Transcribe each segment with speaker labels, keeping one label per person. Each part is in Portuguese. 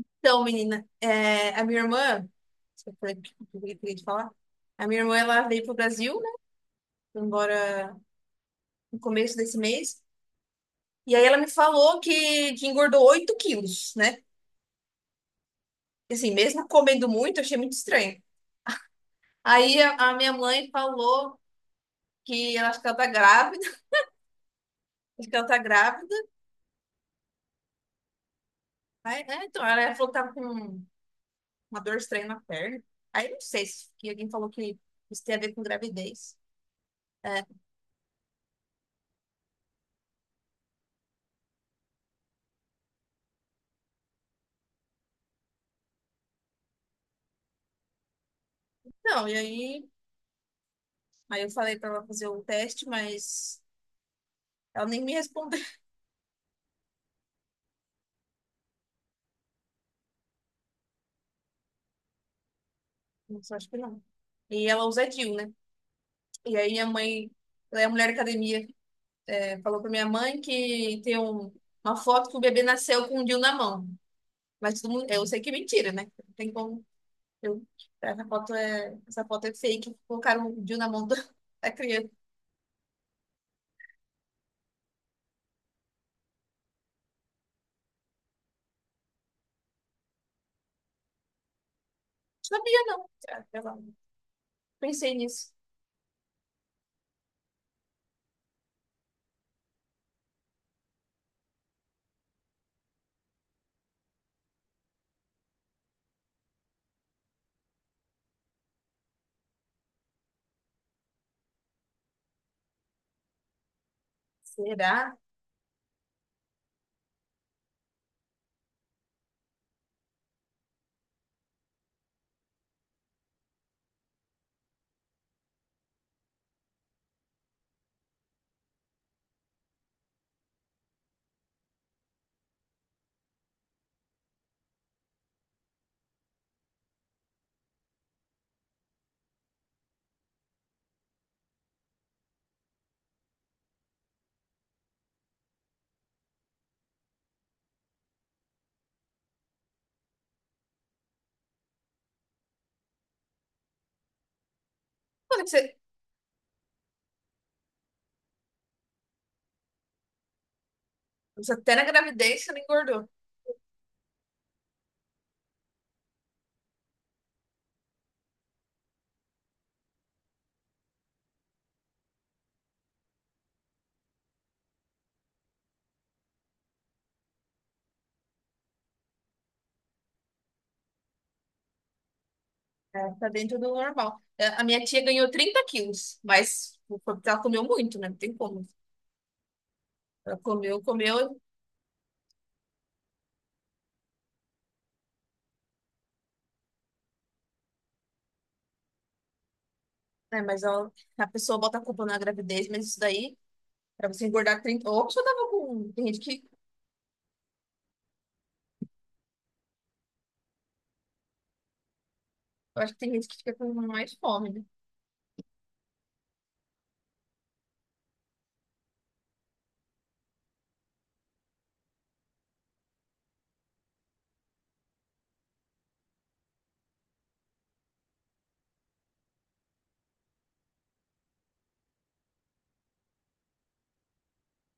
Speaker 1: Então, menina, a minha irmã, você falou que eu queria te falar, a minha irmã ela veio pro Brasil, né? Foi embora no começo desse mês. E aí ela me falou que engordou 8 quilos, né? E assim, mesmo comendo muito, eu achei muito estranho. Aí a minha mãe falou que ela acha que ela tá grávida, acho que ela tá grávida. Ela falou que tava com uma dor estranha na perna. Aí não sei se que alguém falou que isso tem a ver com gravidez. É, não, e aí. Aí eu falei pra ela fazer o teste, mas ela nem me respondeu. Nossa, eu acho que não. E ela usa DIU, né? E aí minha mãe, ela é mulher academia, falou pra minha mãe que uma foto que o bebê nasceu com o DIU na mão. Mas todo mundo, eu sei que é mentira, né? Não tem como. Eu, essa foto é fake. Colocaram o DIU na mão da criança. Não sabia, não. Ah, sei lá. Pensei nisso. Será? Olha, que você, você até na gravidez você não engordou. É, tá dentro do normal. É, a minha tia ganhou 30 quilos, mas foi porque ela comeu muito, né? Não tem como. Ela comeu, né? A pessoa bota a culpa na gravidez, mas isso daí, pra você engordar 30. Ou a pessoa tava com. Tem gente que. Eu acho que tem gente que fica com mais fome, né?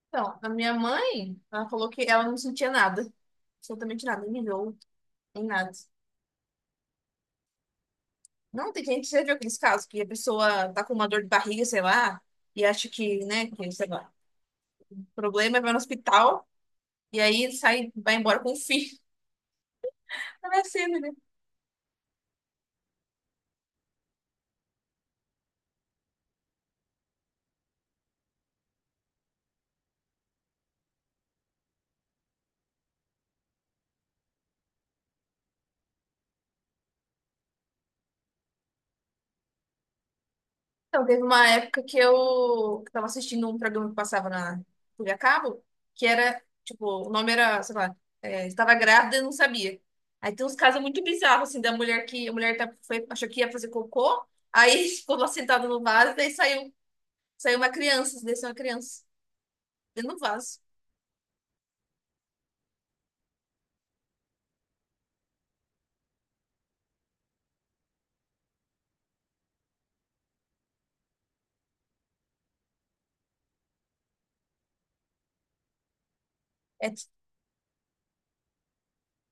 Speaker 1: Então, a minha mãe, ela falou que ela não sentia nada. Absolutamente nada, nem enjoo, nem nada. Não, tem gente que já viu aqueles casos que a pessoa tá com uma dor de barriga, sei lá, e acha que, né, que, sei lá, o problema é vai no hospital. E aí sai, vai embora com o filho. Tá nascendo, né? Então, teve uma época que eu que tava assistindo um programa que passava na TV a cabo, que era, tipo, o nome era, sei lá, é, estava grávida e não sabia. Aí tem uns casos muito bizarros, assim, da mulher que a mulher tá, foi, achou que ia fazer cocô, aí ficou lá sentada no vaso, daí saiu uma criança, desceu uma criança dentro do vaso. É, ti-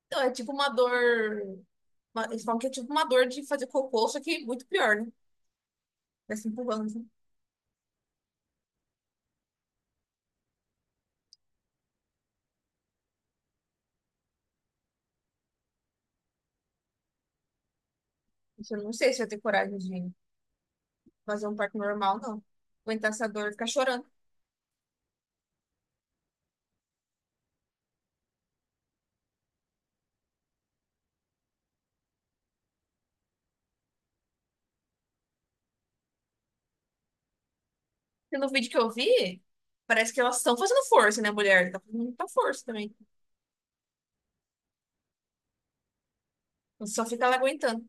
Speaker 1: então, é tipo uma dor. Eles falam que é tipo uma dor de fazer cocô, só que muito pior, né? Vai se empurrando, assim. Isso. Eu não sei se eu tenho coragem de fazer um parto normal, não. Aguentar essa dor e ficar chorando. Porque no vídeo que eu vi, parece que elas estão fazendo força, né, mulher? Tá fazendo muita força também. Só fica ela aguentando.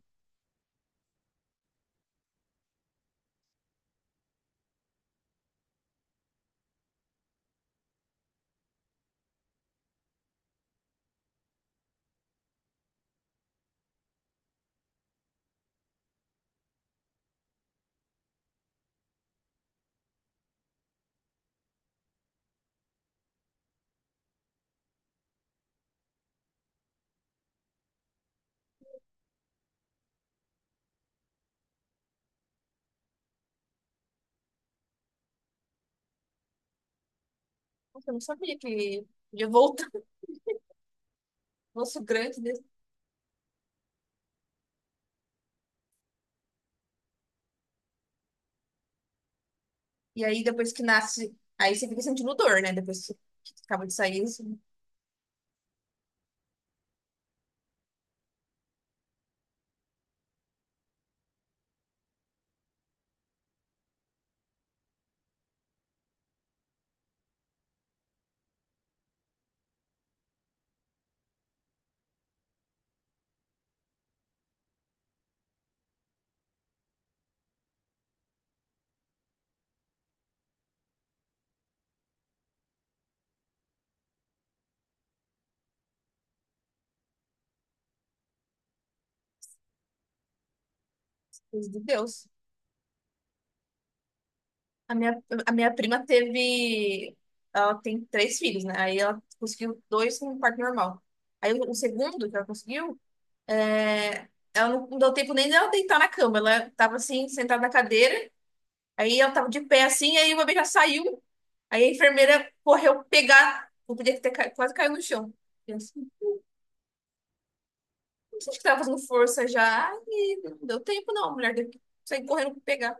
Speaker 1: Nossa, eu não sabia que podia voltar. Nosso grande desse. E aí, depois que nasce, aí você fica sentindo dor, né? Depois que acaba de sair, isso. Deus de Deus. A minha, a minha prima teve. Ela tem três filhos, né? Aí ela conseguiu dois com um parto normal. Aí o segundo que ela conseguiu, é, ela não deu tempo nem dela deitar na cama. Ela tava assim, sentada na cadeira. Aí ela tava de pé assim, aí o bebê já saiu. Aí a enfermeira correu pegar. O bebê quase caiu no chão. Eu assim, não sei se tava fazendo força já. E não deu tempo, não. A mulher teve que sair correndo pra pegar.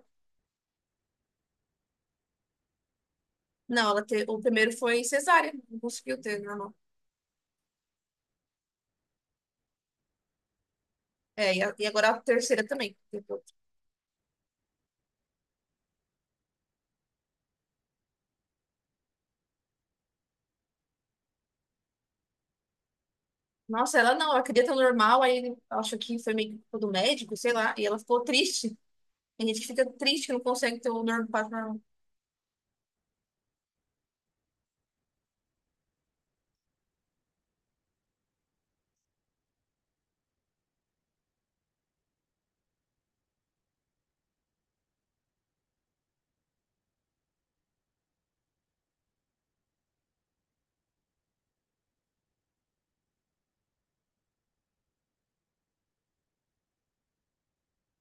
Speaker 1: Não, o primeiro foi cesárea. Não conseguiu ter, né? É, e agora a terceira também. Tipo, nossa, ela não, ela queria ter o normal, aí acho que foi meio que culpa do médico, sei lá, e ela ficou triste. Tem gente que fica triste que não consegue ter o normal, parto normal.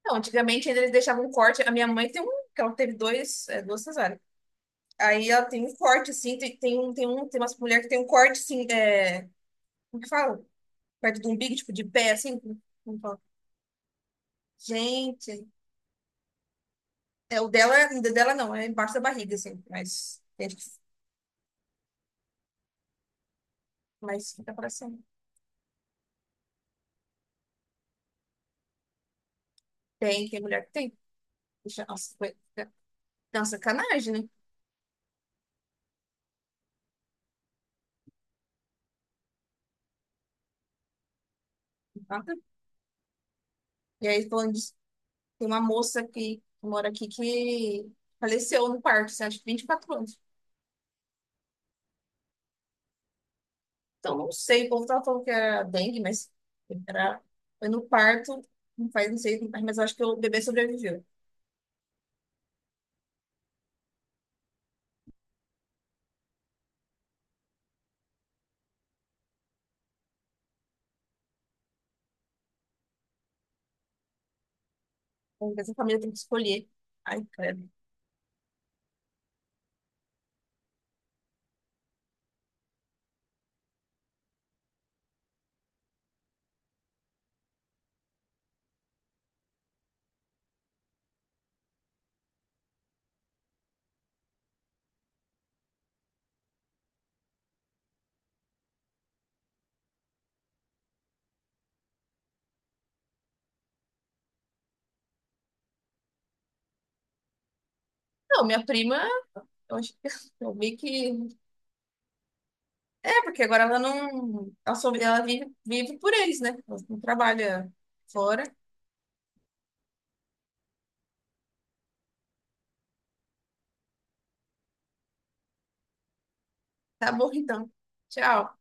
Speaker 1: Não, antigamente ainda eles deixavam um corte. A minha mãe tem um, que ela teve duas cesáreas. Aí ela tem um corte, assim, tem umas mulheres que tem um corte, assim, é, como que fala? Perto do umbigo, tipo, de pé, assim, como como fala? Gente, o dela não, é embaixo da barriga, assim, mas fica pra cima. Tem mulher que tem. Deixa. Nossa, foi. Não, sacanagem, né? Nada. E aí, falando disso, tem uma moça que mora aqui que faleceu no parto, assim, acho que 24 anos. Então, não sei, o povo tava falando que era dengue, mas era... foi no parto, não faz, não sei, mas eu acho que o bebê sobreviveu. Então, essa família tem que escolher. Ai, credo. Não, minha prima, eu acho que eu vi que. É, porque agora ela não. Ela, sobre... ela vive por eles, né? Ela não trabalha fora. Tá bom, então. Tchau.